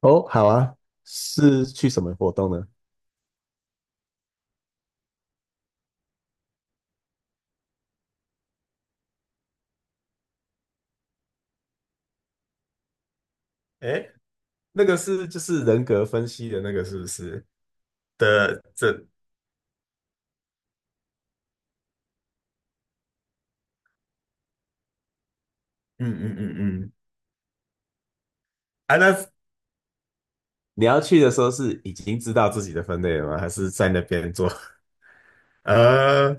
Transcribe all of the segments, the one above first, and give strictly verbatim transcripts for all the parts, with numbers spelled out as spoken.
哦，好啊，是去什么活动呢？哎，那个是就是人格分析的那个是不是的？这嗯嗯嗯嗯，啊，那你要去的时候是已经知道自己的分类了吗？还是在那边做？呃，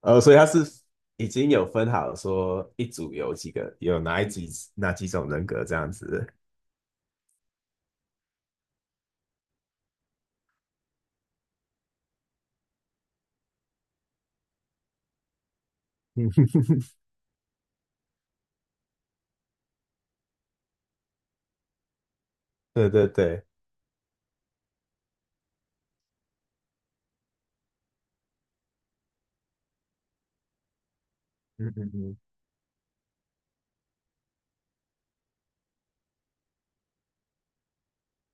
呃，所以他是已经有分好说一组有几个，有哪一几哪几种人格这样子。嗯 对对对 嗯嗯嗯，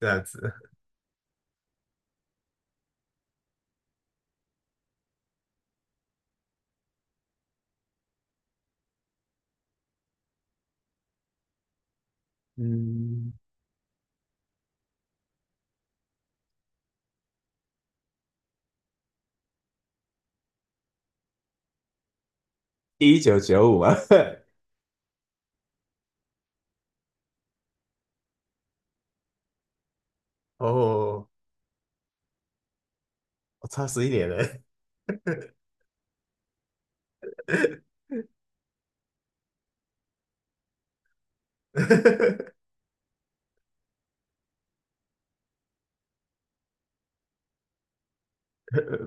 这样子，嗯，一九九五啊，哦，我差十一年了，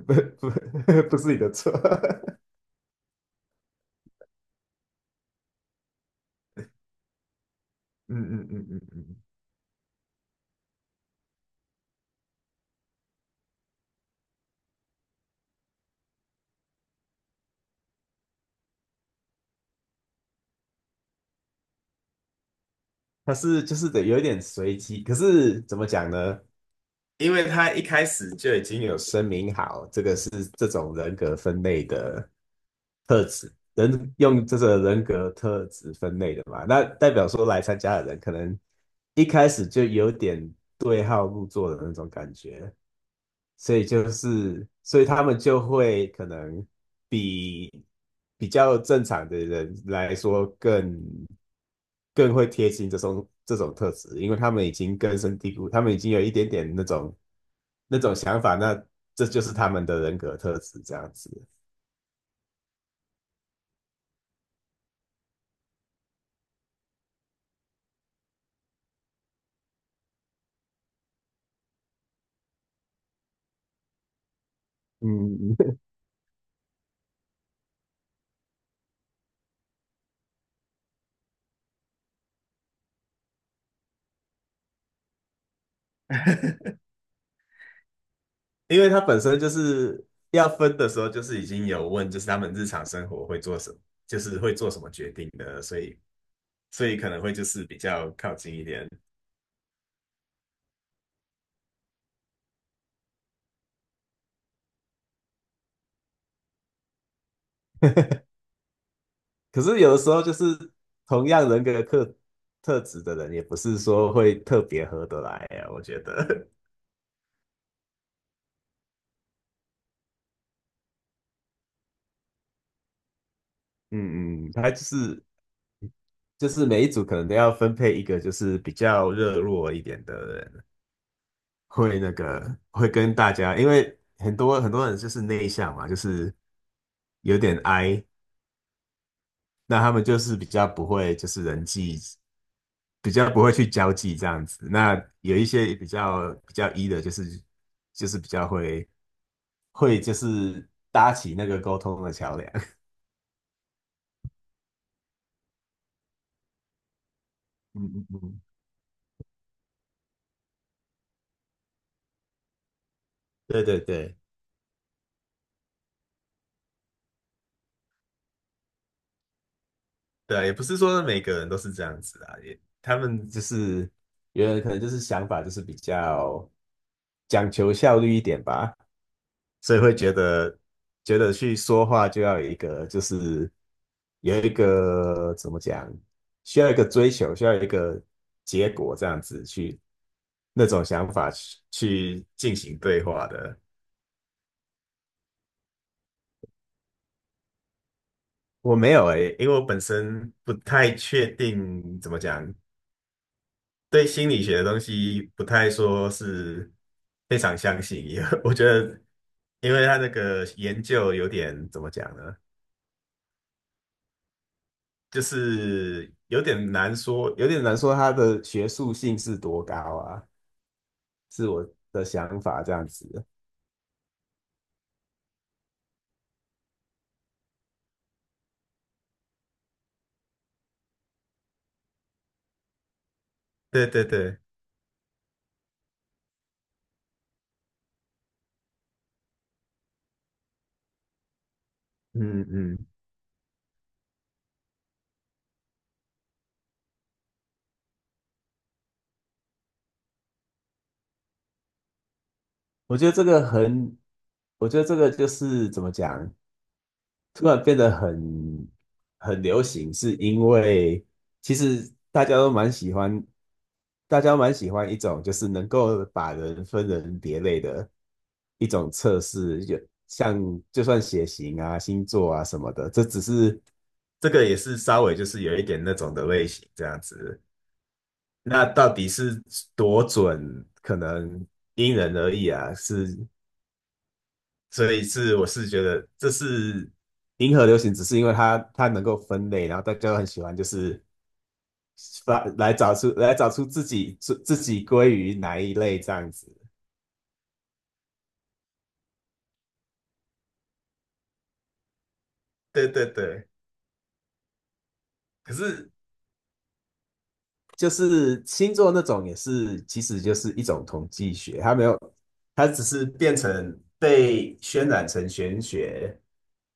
不不 不是你的错，嗯嗯嗯嗯嗯，它是就是得有点随机，可是怎么讲呢？因为他一开始就已经有声明好，这个是这种人格分类的特质，人用这个人格特质分类的嘛，那代表说来参加的人可能一开始就有点对号入座的那种感觉，所以就是，所以他们就会可能比比较正常的人来说更更会贴近这种这种特质，因为他们已经根深蒂固，他们已经有一点点那种那种想法，那这就是他们的人格特质这样子。嗯，因为他本身就是要分的时候，就是已经有问，就是他们日常生活会做什么，就是会做什么决定的，所以所以可能会就是比较靠近一点。可是有的时候就是同样人格特特质的人，也不是说会特别合得来呀、啊我觉得，嗯嗯，他就是就是每一组可能都要分配一个就是比较热络一点的人，会那个会跟大家，因为很多很多人就是内向嘛，就是有点 I，那他们就是比较不会就是人际。比较不会去交际这样子，那有一些比较比较 E 的，就是就是比较会会就是搭起那个沟通的桥梁。嗯嗯嗯，对对对，对啊也不是说每个人都是这样子啊，也他们就是有人可能就是想法就是比较讲求效率一点吧，所以会觉得觉得去说话就要有一个就是有一个怎么讲，需要一个追求，需要一个结果这样子去那种想法去去进行对话的。我没有诶，因为我本身不太确定怎么讲，对心理学的东西不太说是非常相信，因为 我觉得，因为他那个研究有点怎么讲呢，就是有点难说，有点难说他的学术性是多高啊，是我的想法这样子。对对对，嗯嗯，我觉得这个很，我觉得这个就是怎么讲。突然变得很很流行，是因为其实大家都蛮喜欢，大家都蛮喜欢一种就是能够把人分人别类的一种测试，就像就算血型啊、星座啊什么的，这只是这个也是稍微就是有一点那种的类型这样子。那到底是多准，可能因人而异啊，是所以是我是觉得这是银河流行，只是因为它它能够分类，然后大家都很喜欢，就是发来找出来找出自己自自己归于哪一类这样子。对对对，可是就是星座那种也是，其实就是一种统计学，它没有，它只是变成被渲染成玄学，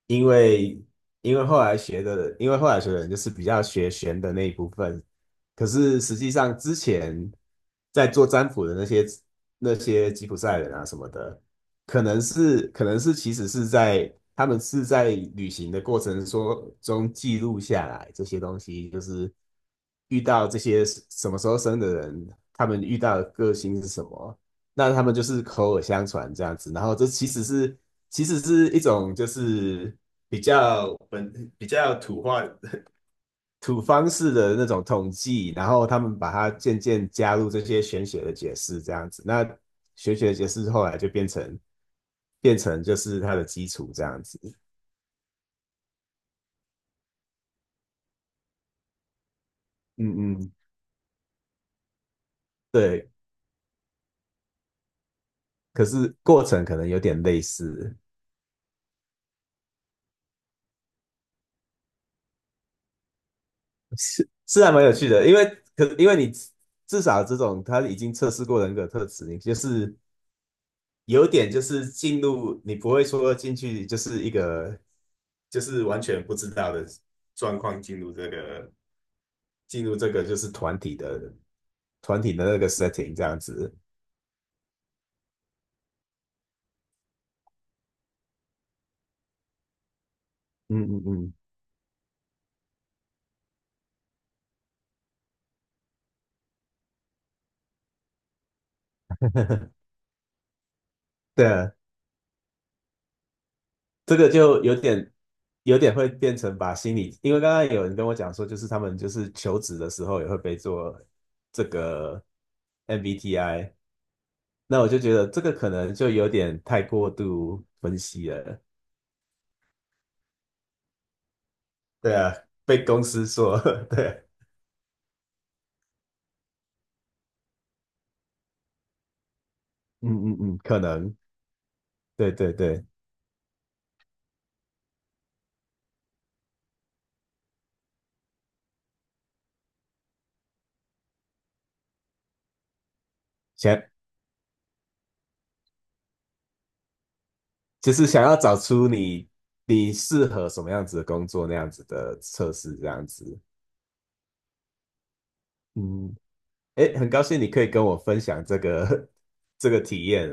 因为因为后来学的，因为后来学的人就是比较学玄的那一部分，可是实际上之前在做占卜的那些那些吉普赛人啊什么的，可能是可能是其实是在他们是在旅行的过程说中记录下来这些东西，就是遇到这些什么时候生的人，他们遇到的个性是什么，那他们就是口耳相传这样子，然后这其实是其实是一种就是比较本比较土话 土方式的那种统计，然后他们把它渐渐加入这些玄学的解释这样子，那玄学的解释后来就变成。变成就是它的基础这样子。嗯嗯，对，可是过程可能有点类似，是是还蛮有趣的，因为可因为你至少这种他已经测试过人格特质，你就是有点就是进入，你不会说进去就是一个就是完全不知道的状况进入这个进入这个就是团体的团体的那个 setting 这样子，嗯嗯嗯，对啊，这个就有点有点会变成把心理，因为刚刚有人跟我讲说，就是他们就是求职的时候也会被做这个 M B T I，那我就觉得这个可能就有点太过度分析了。对啊，被公司说，对，嗯嗯嗯，可能，对对对，想就是想要找出你你适合什么样子的工作那样子的测试这样子，嗯。诶，很高兴你可以跟我分享这个 这个体验，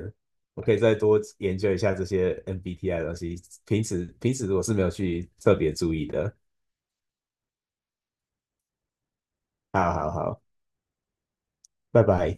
我可以再多研究一下这些 M B T I 的东西，平时平时我是没有去特别注意的。好好好，拜拜。